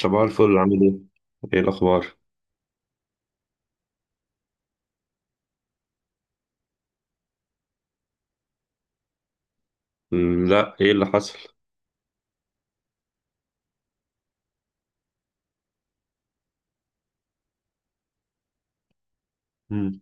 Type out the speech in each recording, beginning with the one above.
صباح الفل، عامل ايه؟ ايه الأخبار؟ لا، ايه اللي حصل؟ مم.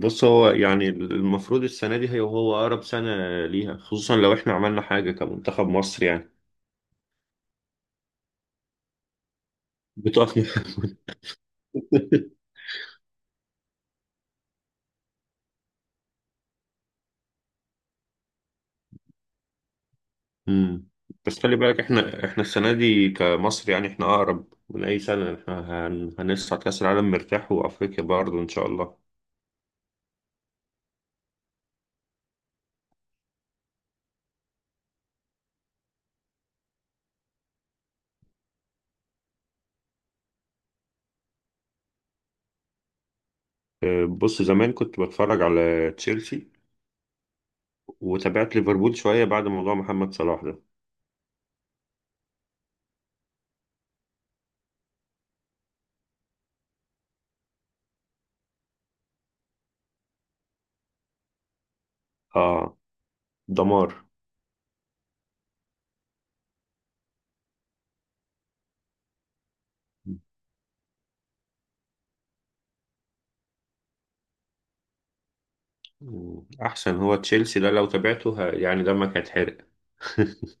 بص، هو يعني المفروض السنة دي هي هو أقرب سنة ليها، خصوصا لو احنا عملنا حاجة كمنتخب مصر يعني. بتقفنا. مم. بس خلي بالك، احنا السنة دي كمصر يعني احنا أقرب من أي سنة. احنا هنصعد كأس العالم مرتاح، وأفريقيا برضه إن شاء الله. أه، بص، زمان كنت بتفرج على تشيلسي، وتابعت ليفربول شوية بعد موضوع محمد صلاح ده. اه، دمار. مم. احسن هو تشيلسي ده لو تابعته يعني دمك هيتحرق.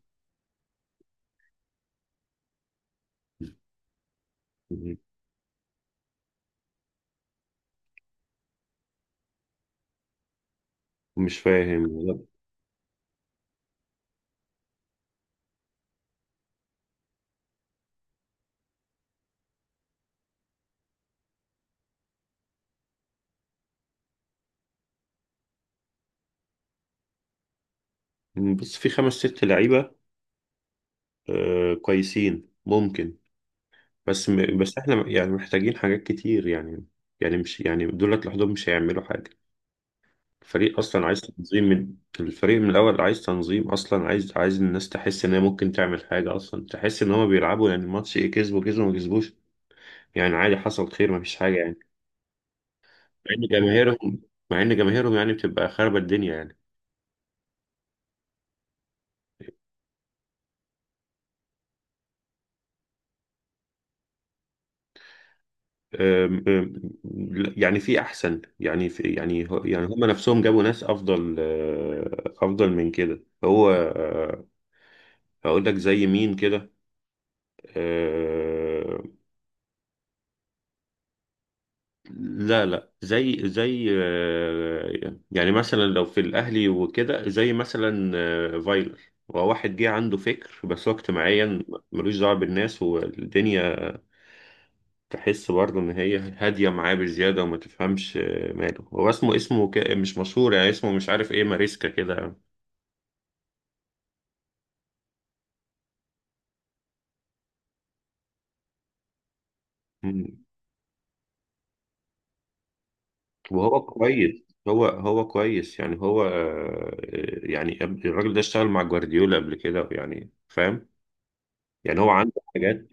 مم. مش فاهم، لا. مم. بس في خمس ست لعيبة آه كويسين ممكن. بس احنا يعني محتاجين حاجات كتير يعني. يعني مش يعني دولت لوحدهم مش هيعملوا حاجة. الفريق اصلا عايز تنظيم، من الفريق من الاول عايز تنظيم اصلا، عايز الناس تحس ان هي ممكن تعمل حاجة اصلا، تحس ان هما بيلعبوا. يعني الماتش ايه، كسبوا كسبوا ما كسبوش، يعني عادي، حصل خير، ما فيش حاجة يعني. مع ان جماهيرهم، يعني بتبقى خاربة الدنيا يعني. أم- أم- لا، يعني في احسن يعني، يعني هم نفسهم جابوا ناس افضل، افضل من كده، هو. هقول لك زي مين كده. آه، لا لا، زي زي يعني مثلا لو في الاهلي وكده، زي مثلا فايلر. هو واحد جه عنده فكر، بس هو اجتماعيا ملوش دعوه بالناس والدنيا. تحس برضه ان هي هاديه معاه بزياده، وما تفهمش ماله. هو اسمه، مش مشهور يعني، اسمه مش عارف ايه، ماريسكا كده. مم. وهو كويس، هو كويس يعني، هو. يعني الراجل ده اشتغل مع جوارديولا قبل كده يعني، فاهم. يعني هو عنده حاجات.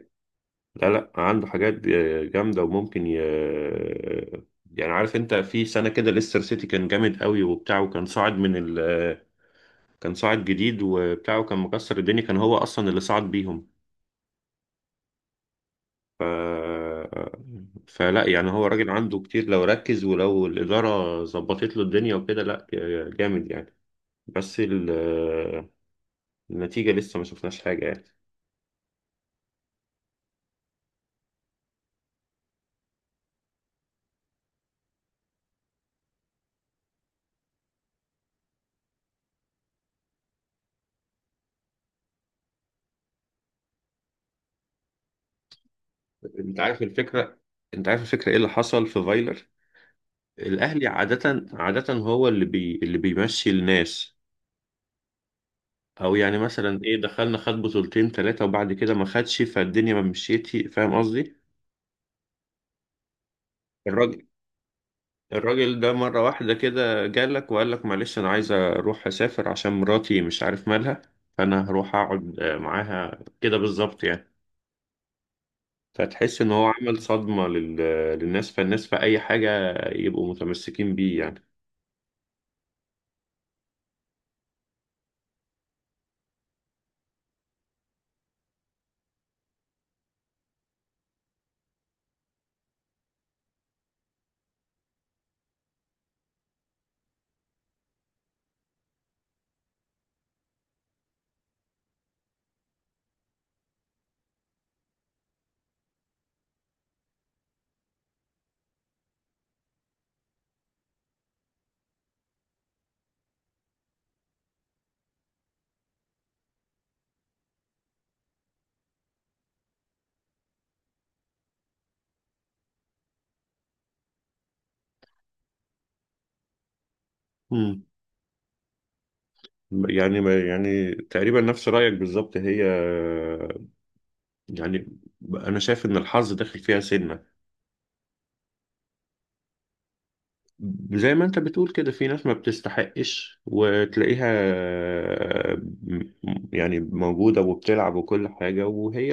لا لا، عنده حاجات جامده، وممكن يعني عارف انت في سنه كده ليستر سيتي كان جامد قوي وبتاع، وكان صاعد من كان صاعد جديد وبتاع، وكان مكسر الدنيا، كان هو اصلا اللي صعد بيهم. ف... فلا، يعني هو راجل عنده كتير، لو ركز ولو الإدارة ظبطت له الدنيا وكده، لا جامد يعني. بس ال- النتيجة لسه ما شفناش حاجة يعني. انت عارف الفكرة انت عارف الفكرة ايه اللي حصل في فايلر. الاهلي عادة هو اللي اللي بيمشي الناس. او يعني مثلا ايه، دخلنا خد بطولتين ثلاثة وبعد كده ما خدش، فالدنيا ما مشيتي، فاهم قصدي. الراجل الراجل ده مرة واحدة كده جالك وقال لك معلش، أنا عايز أروح أسافر عشان مراتي مش عارف مالها، فأنا هروح أقعد معاها كده بالظبط يعني. فتحس إن هو عمل صدمة للناس، فالناس في أي حاجة يبقوا متمسكين بيه يعني. مم. يعني، يعني تقريبا نفس رأيك بالظبط هي، يعني أنا شايف إن الحظ داخل فيها سنة. زي ما انت بتقول كده في ناس ما بتستحقش وتلاقيها م- يعني موجودة وبتلعب وكل حاجة، وهي،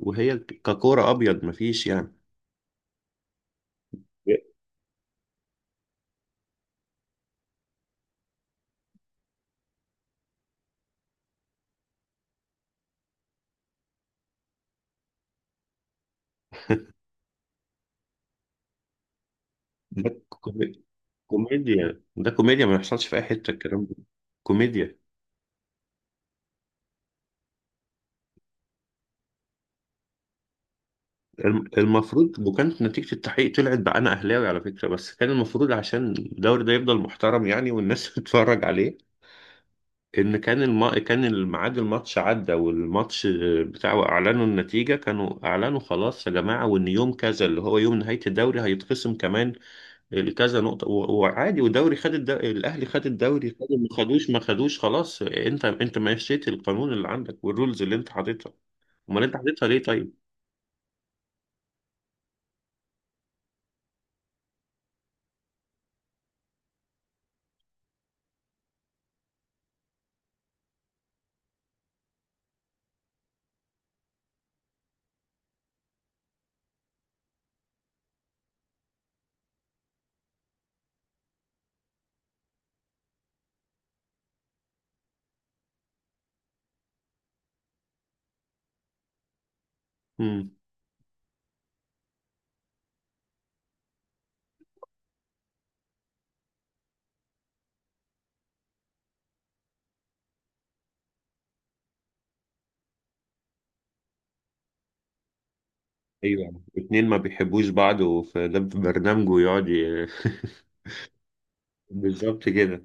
وهي ككورة أبيض مفيش يعني. ده كومي- كوميديا، ده كوميديا، ما يحصلش في أي حتة الكلام ده. كوميديا. المفروض. وكانت نتيجة التحقيق طلعت، بقى أنا أهلاوي على فكرة، بس كان المفروض عشان الدوري ده يفضل محترم يعني والناس تتفرج عليه. ان كان كان الميعاد، الماتش عدى، والماتش بتاعه اعلنوا النتيجه، كانوا اعلنوا خلاص يا جماعه، وان يوم كذا اللي هو يوم نهايه الدوري هيتخصم كمان كذا نقطه وعادي. ودوري خد الاهلي خد الدوري، خد ما خدوش ما خدوش خلاص. انت مشيت القانون اللي عندك والرولز اللي انت حاططها. امال انت حاططها ليه طيب؟ امم. ايوه، اتنين ما بيحبوش بعض، وفي ده في برنامجه يقعد بالظبط كده.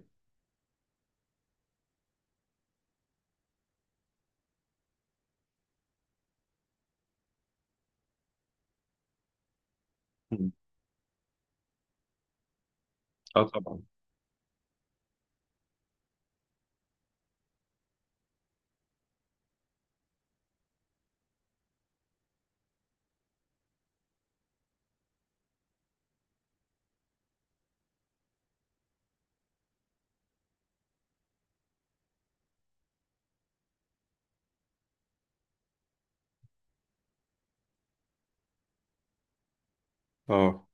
اه طبعا. اه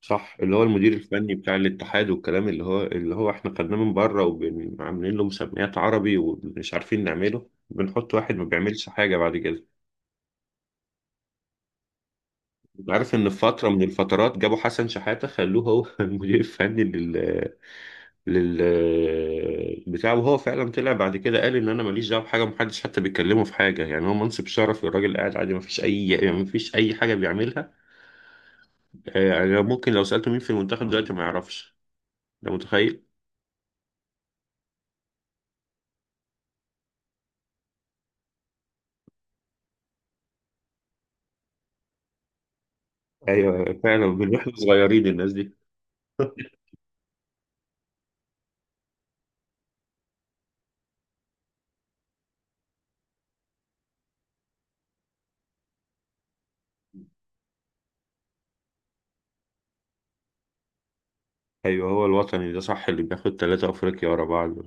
صح، اللي هو المدير الفني بتاع الاتحاد، والكلام اللي هو احنا خدناه من بره، وعاملين له مسميات عربي ومش عارفين نعمله، بنحط واحد ما بيعملش حاجة بعد كده. عارف ان في فترة من الفترات جابوا حسن شحاتة خلوه هو المدير الفني لل لل بتاع. وهو فعلا طلع بعد كده قال ان انا ماليش دعوه بحاجه، محدش حتى بيتكلمه في حاجه يعني، هو منصب شرفي، الراجل قاعد عادي، ما فيش اي حاجه بيعملها. يعني ممكن لو سالته مين في المنتخب دلوقتي ما يعرفش، ده متخيل. ايوه، أيوه، فعلا بنروح صغيرين الناس دي. ايوه، هو الوطني ده صح اللي بياخد ثلاثة افريقيا ورا بعض.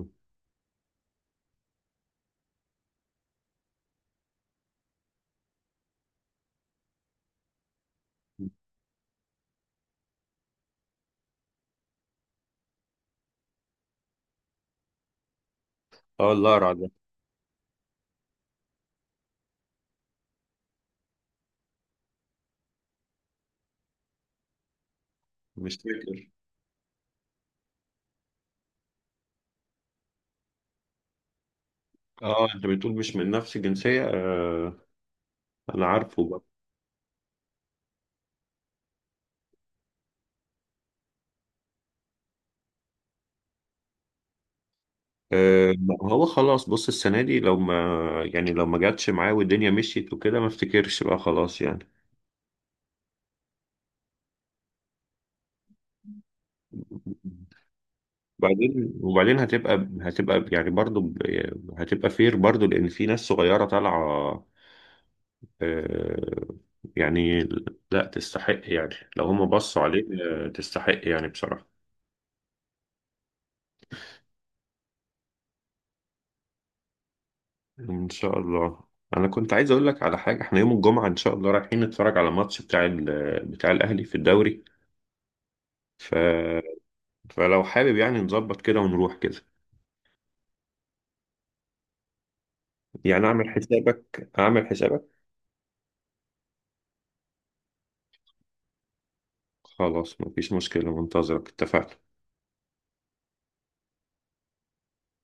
اه، الأقرع ده. مش فاكر. اه انت بتقول مش من نفس الجنسية. انا عارفه بقى. آه، ما هو خلاص. بص السنة دي لو ما، يعني لو ما جاتش معاه والدنيا مشيت وكده، ما افتكرش بقى خلاص يعني. بعدين هتبقى يعني برضو هتبقى فير برضو، لان في ناس صغيرة طالعة آه، يعني لا تستحق يعني لو هم بصوا عليه. آه، تستحق يعني بصراحة. إن شاء الله. أنا كنت عايز أقول لك على حاجة. إحنا يوم الجمعة إن شاء الله رايحين نتفرج على ماتش بتاع بتاع الأهلي في الدوري. ف... فلو حابب يعني نظبط كده ونروح كده. يعني أعمل حسابك، أعمل حسابك. خلاص، مفيش مشكلة، منتظرك، اتفقنا.